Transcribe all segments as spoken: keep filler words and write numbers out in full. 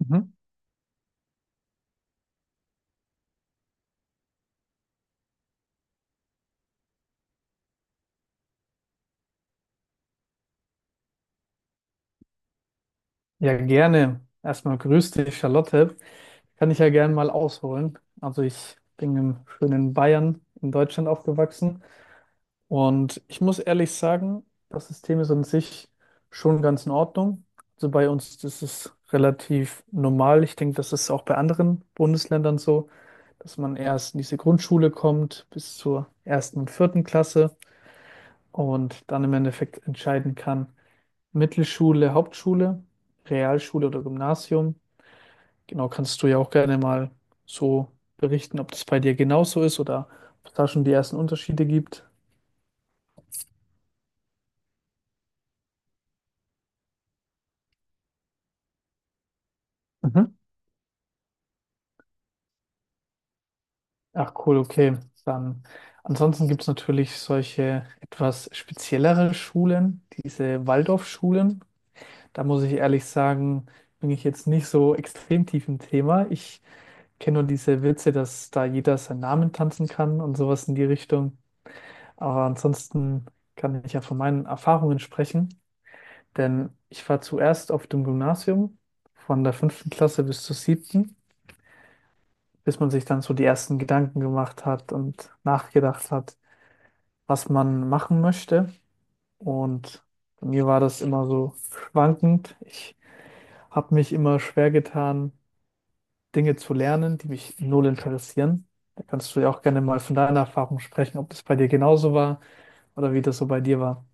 Mhm. Ja, gerne. Erstmal grüß dich, Charlotte. Kann ich ja gerne mal ausholen. Also ich bin im schönen Bayern in Deutschland aufgewachsen und ich muss ehrlich sagen, das System ist an sich schon ganz in Ordnung. Also bei uns ist es relativ normal. Ich denke, das ist auch bei anderen Bundesländern so, dass man erst in diese Grundschule kommt bis zur ersten und vierten Klasse und dann im Endeffekt entscheiden kann. Mittelschule, Hauptschule, Realschule oder Gymnasium. Genau, kannst du ja auch gerne mal so berichten, ob das bei dir genauso ist oder ob es da schon die ersten Unterschiede gibt. Mhm. Ach cool, okay. Dann ansonsten gibt es natürlich solche etwas speziellere Schulen, diese Waldorfschulen. Da muss ich ehrlich sagen, bin ich jetzt nicht so extrem tief im Thema. Ich kenne nur diese Witze, dass da jeder seinen Namen tanzen kann und sowas in die Richtung. Aber ansonsten kann ich ja von meinen Erfahrungen sprechen, denn ich war zuerst auf dem Gymnasium von der fünften Klasse bis zur siebten, bis man sich dann so die ersten Gedanken gemacht hat und nachgedacht hat, was man machen möchte. Und bei mir war das immer so schwankend. Ich habe mich immer schwer getan, Dinge zu lernen, die mich null interessieren. Da kannst du ja auch gerne mal von deiner Erfahrung sprechen, ob das bei dir genauso war oder wie das so bei dir war.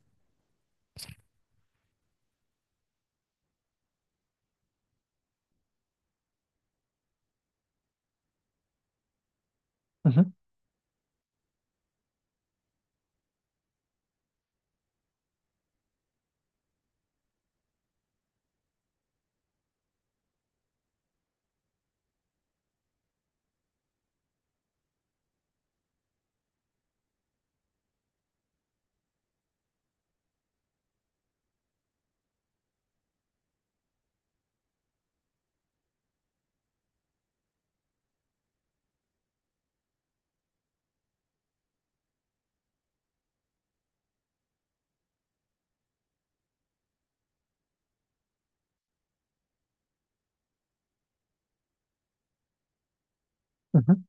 Mhm.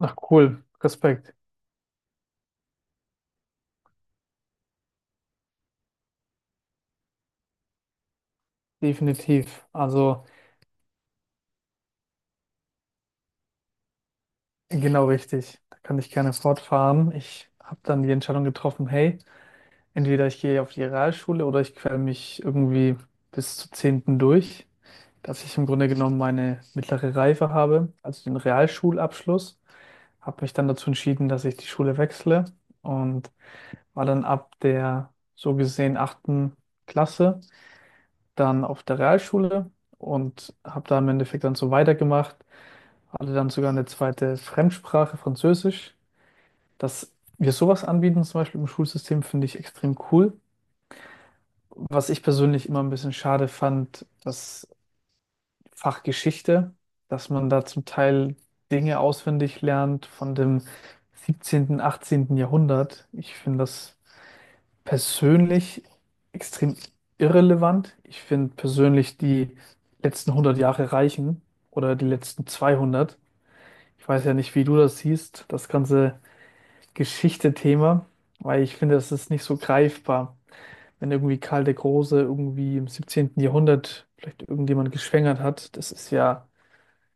Ach cool, Respekt, definitiv. Also genau richtig. Da kann ich gerne fortfahren. Ich habe dann die Entscheidung getroffen, hey, entweder ich gehe auf die Realschule oder ich quäle mich irgendwie bis zur zehnten durch, dass ich im Grunde genommen meine mittlere Reife habe, also den Realschulabschluss. Habe mich dann dazu entschieden, dass ich die Schule wechsle und war dann ab der so gesehen achten Klasse dann auf der Realschule und habe da im Endeffekt dann so weitergemacht. Hatte dann sogar eine zweite Fremdsprache, Französisch. Dass wir sowas anbieten, zum Beispiel im Schulsystem, finde ich extrem cool. Was ich persönlich immer ein bisschen schade fand, das Fach Geschichte, dass man da zum Teil Dinge auswendig lernt von dem siebzehnten., achtzehnten. Jahrhundert. Ich finde das persönlich extrem irrelevant. Ich finde persönlich die letzten hundert Jahre reichen oder die letzten zweihundert. Ich weiß ja nicht, wie du das siehst, das ganze Geschichte-Thema, weil ich finde, das ist nicht so greifbar. Wenn irgendwie Karl der Große irgendwie im siebzehnten Jahrhundert vielleicht irgendjemand geschwängert hat, das ist ja,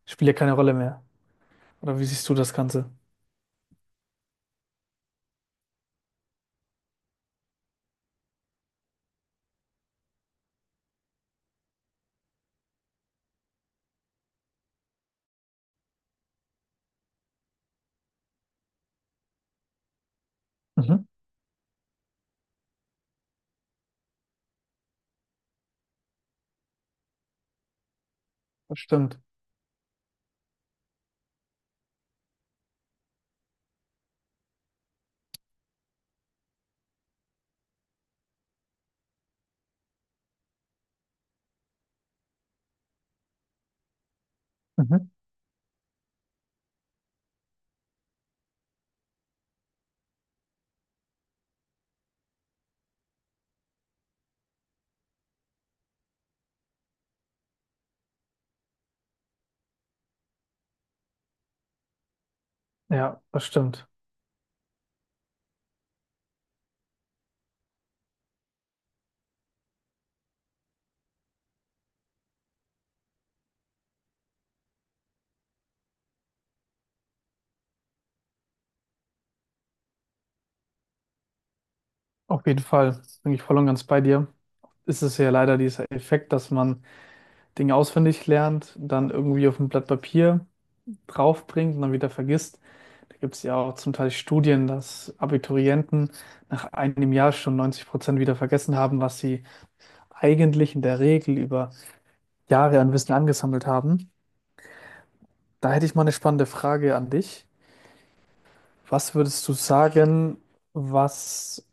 spielt ja keine Rolle mehr. Oder wie siehst du das Ganze? Mhm. Das stimmt. Mhm. Ja, das stimmt. Auf jeden Fall bin ich voll und ganz bei dir. Ist es ja leider dieser Effekt, dass man Dinge auswendig lernt, dann irgendwie auf ein Blatt Papier draufbringt und dann wieder vergisst. Gibt es ja auch zum Teil Studien, dass Abiturienten nach einem Jahr schon neunzig Prozent wieder vergessen haben, was sie eigentlich in der Regel über Jahre an Wissen angesammelt haben. Da hätte ich mal eine spannende Frage an dich. Was würdest du sagen, was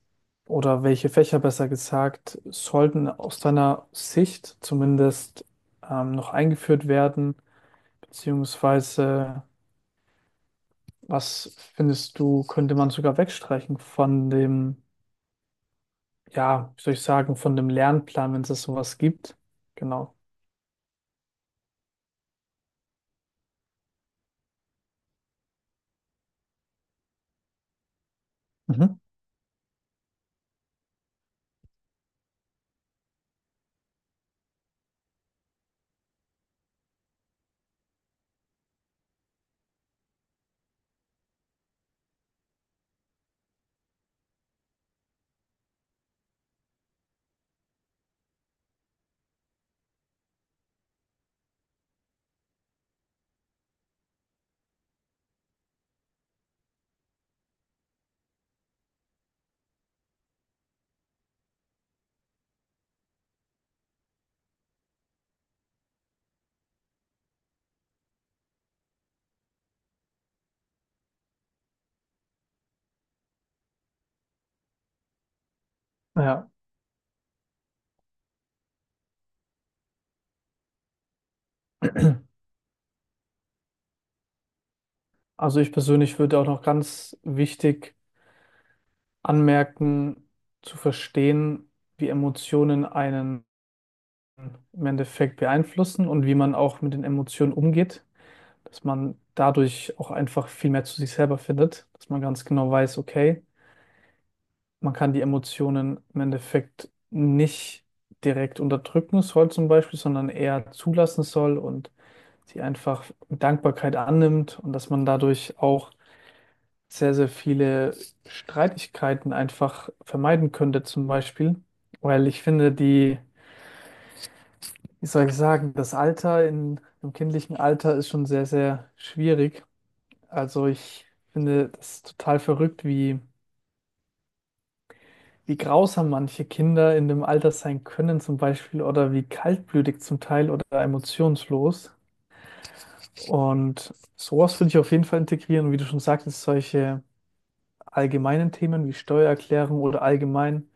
oder welche Fächer besser gesagt sollten aus deiner Sicht zumindest ähm, noch eingeführt werden? Beziehungsweise, was findest du, könnte man sogar wegstreichen von dem, ja, wie soll ich sagen, von dem Lernplan, wenn es das sowas gibt. Genau. Mhm. Ja, also ich persönlich würde auch noch ganz wichtig anmerken, zu verstehen, wie Emotionen einen im Endeffekt beeinflussen und wie man auch mit den Emotionen umgeht, dass man dadurch auch einfach viel mehr zu sich selber findet, dass man ganz genau weiß, okay, man kann die Emotionen im Endeffekt nicht direkt unterdrücken soll zum Beispiel, sondern eher zulassen soll und die einfach Dankbarkeit annimmt und dass man dadurch auch sehr, sehr viele Streitigkeiten einfach vermeiden könnte, zum Beispiel. Weil ich finde, die, wie soll ich sagen, das Alter in, im kindlichen Alter ist schon sehr, sehr schwierig. Also ich finde das total verrückt, wie, wie grausam manche Kinder in dem Alter sein können, zum Beispiel, oder wie kaltblütig zum Teil oder emotionslos. Und sowas würde ich auf jeden Fall integrieren, wie du schon sagtest, solche allgemeinen Themen wie Steuererklärung oder allgemein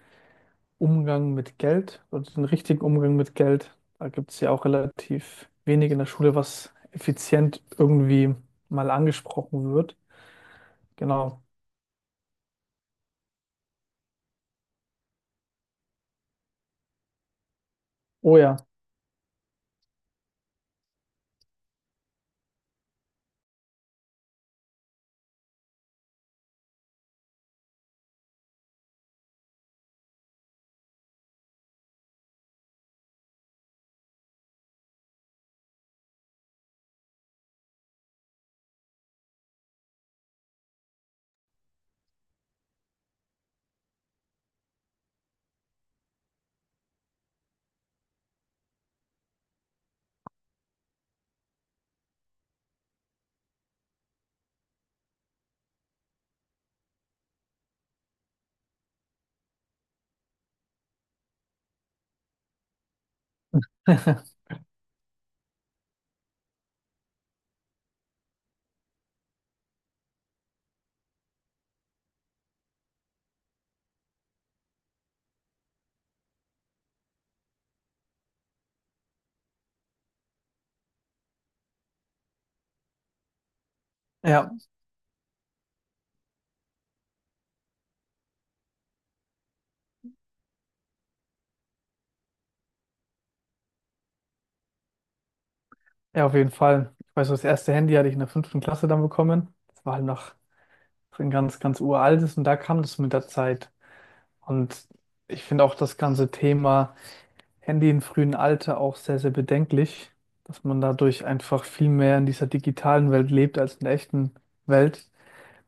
Umgang mit Geld oder den richtigen Umgang mit Geld. Da gibt es ja auch relativ wenig in der Schule, was effizient irgendwie mal angesprochen wird. Genau. Oh ja. Ja, ja, auf jeden Fall. Ich weiß, das erste Handy hatte ich in der fünften Klasse dann bekommen. Das war halt noch so ein ganz, ganz uraltes und da kam das mit der Zeit. Und ich finde auch das ganze Thema Handy im frühen Alter auch sehr, sehr bedenklich, dass man dadurch einfach viel mehr in dieser digitalen Welt lebt als in der echten Welt.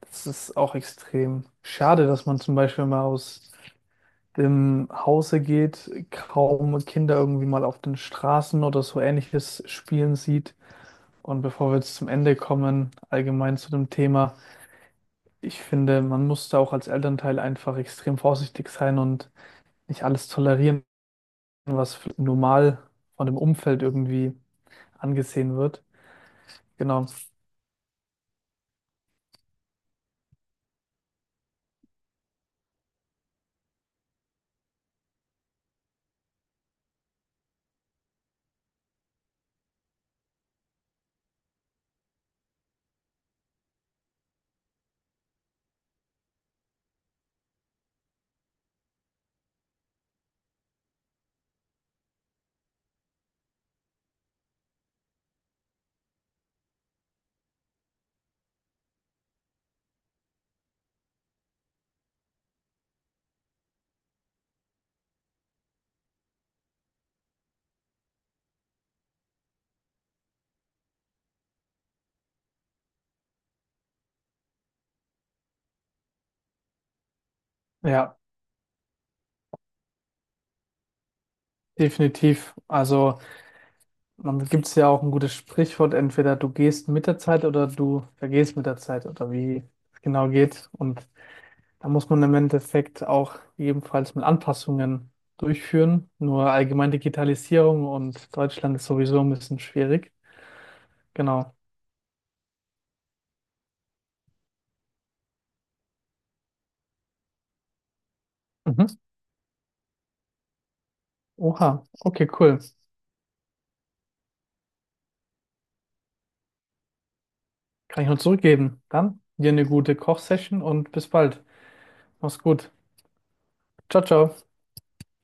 Das ist auch extrem schade, dass man zum Beispiel mal aus dem Hause geht, kaum Kinder irgendwie mal auf den Straßen oder so ähnliches spielen sieht. Und bevor wir jetzt zum Ende kommen, allgemein zu dem Thema, ich finde, man muss da auch als Elternteil einfach extrem vorsichtig sein und nicht alles tolerieren, was normal von dem Umfeld irgendwie angesehen wird. Genau. Ja, definitiv. Also, man gibt es ja auch ein gutes Sprichwort, entweder du gehst mit der Zeit oder du vergehst mit der Zeit oder wie es genau geht. Und da muss man im Endeffekt auch ebenfalls mit Anpassungen durchführen. Nur allgemein Digitalisierung und Deutschland ist sowieso ein bisschen schwierig. Genau. Mhm. Oha, okay, cool. Kann ich nur zurückgeben. Dann dir eine gute Kochsession und bis bald. Mach's gut. Ciao, ciao.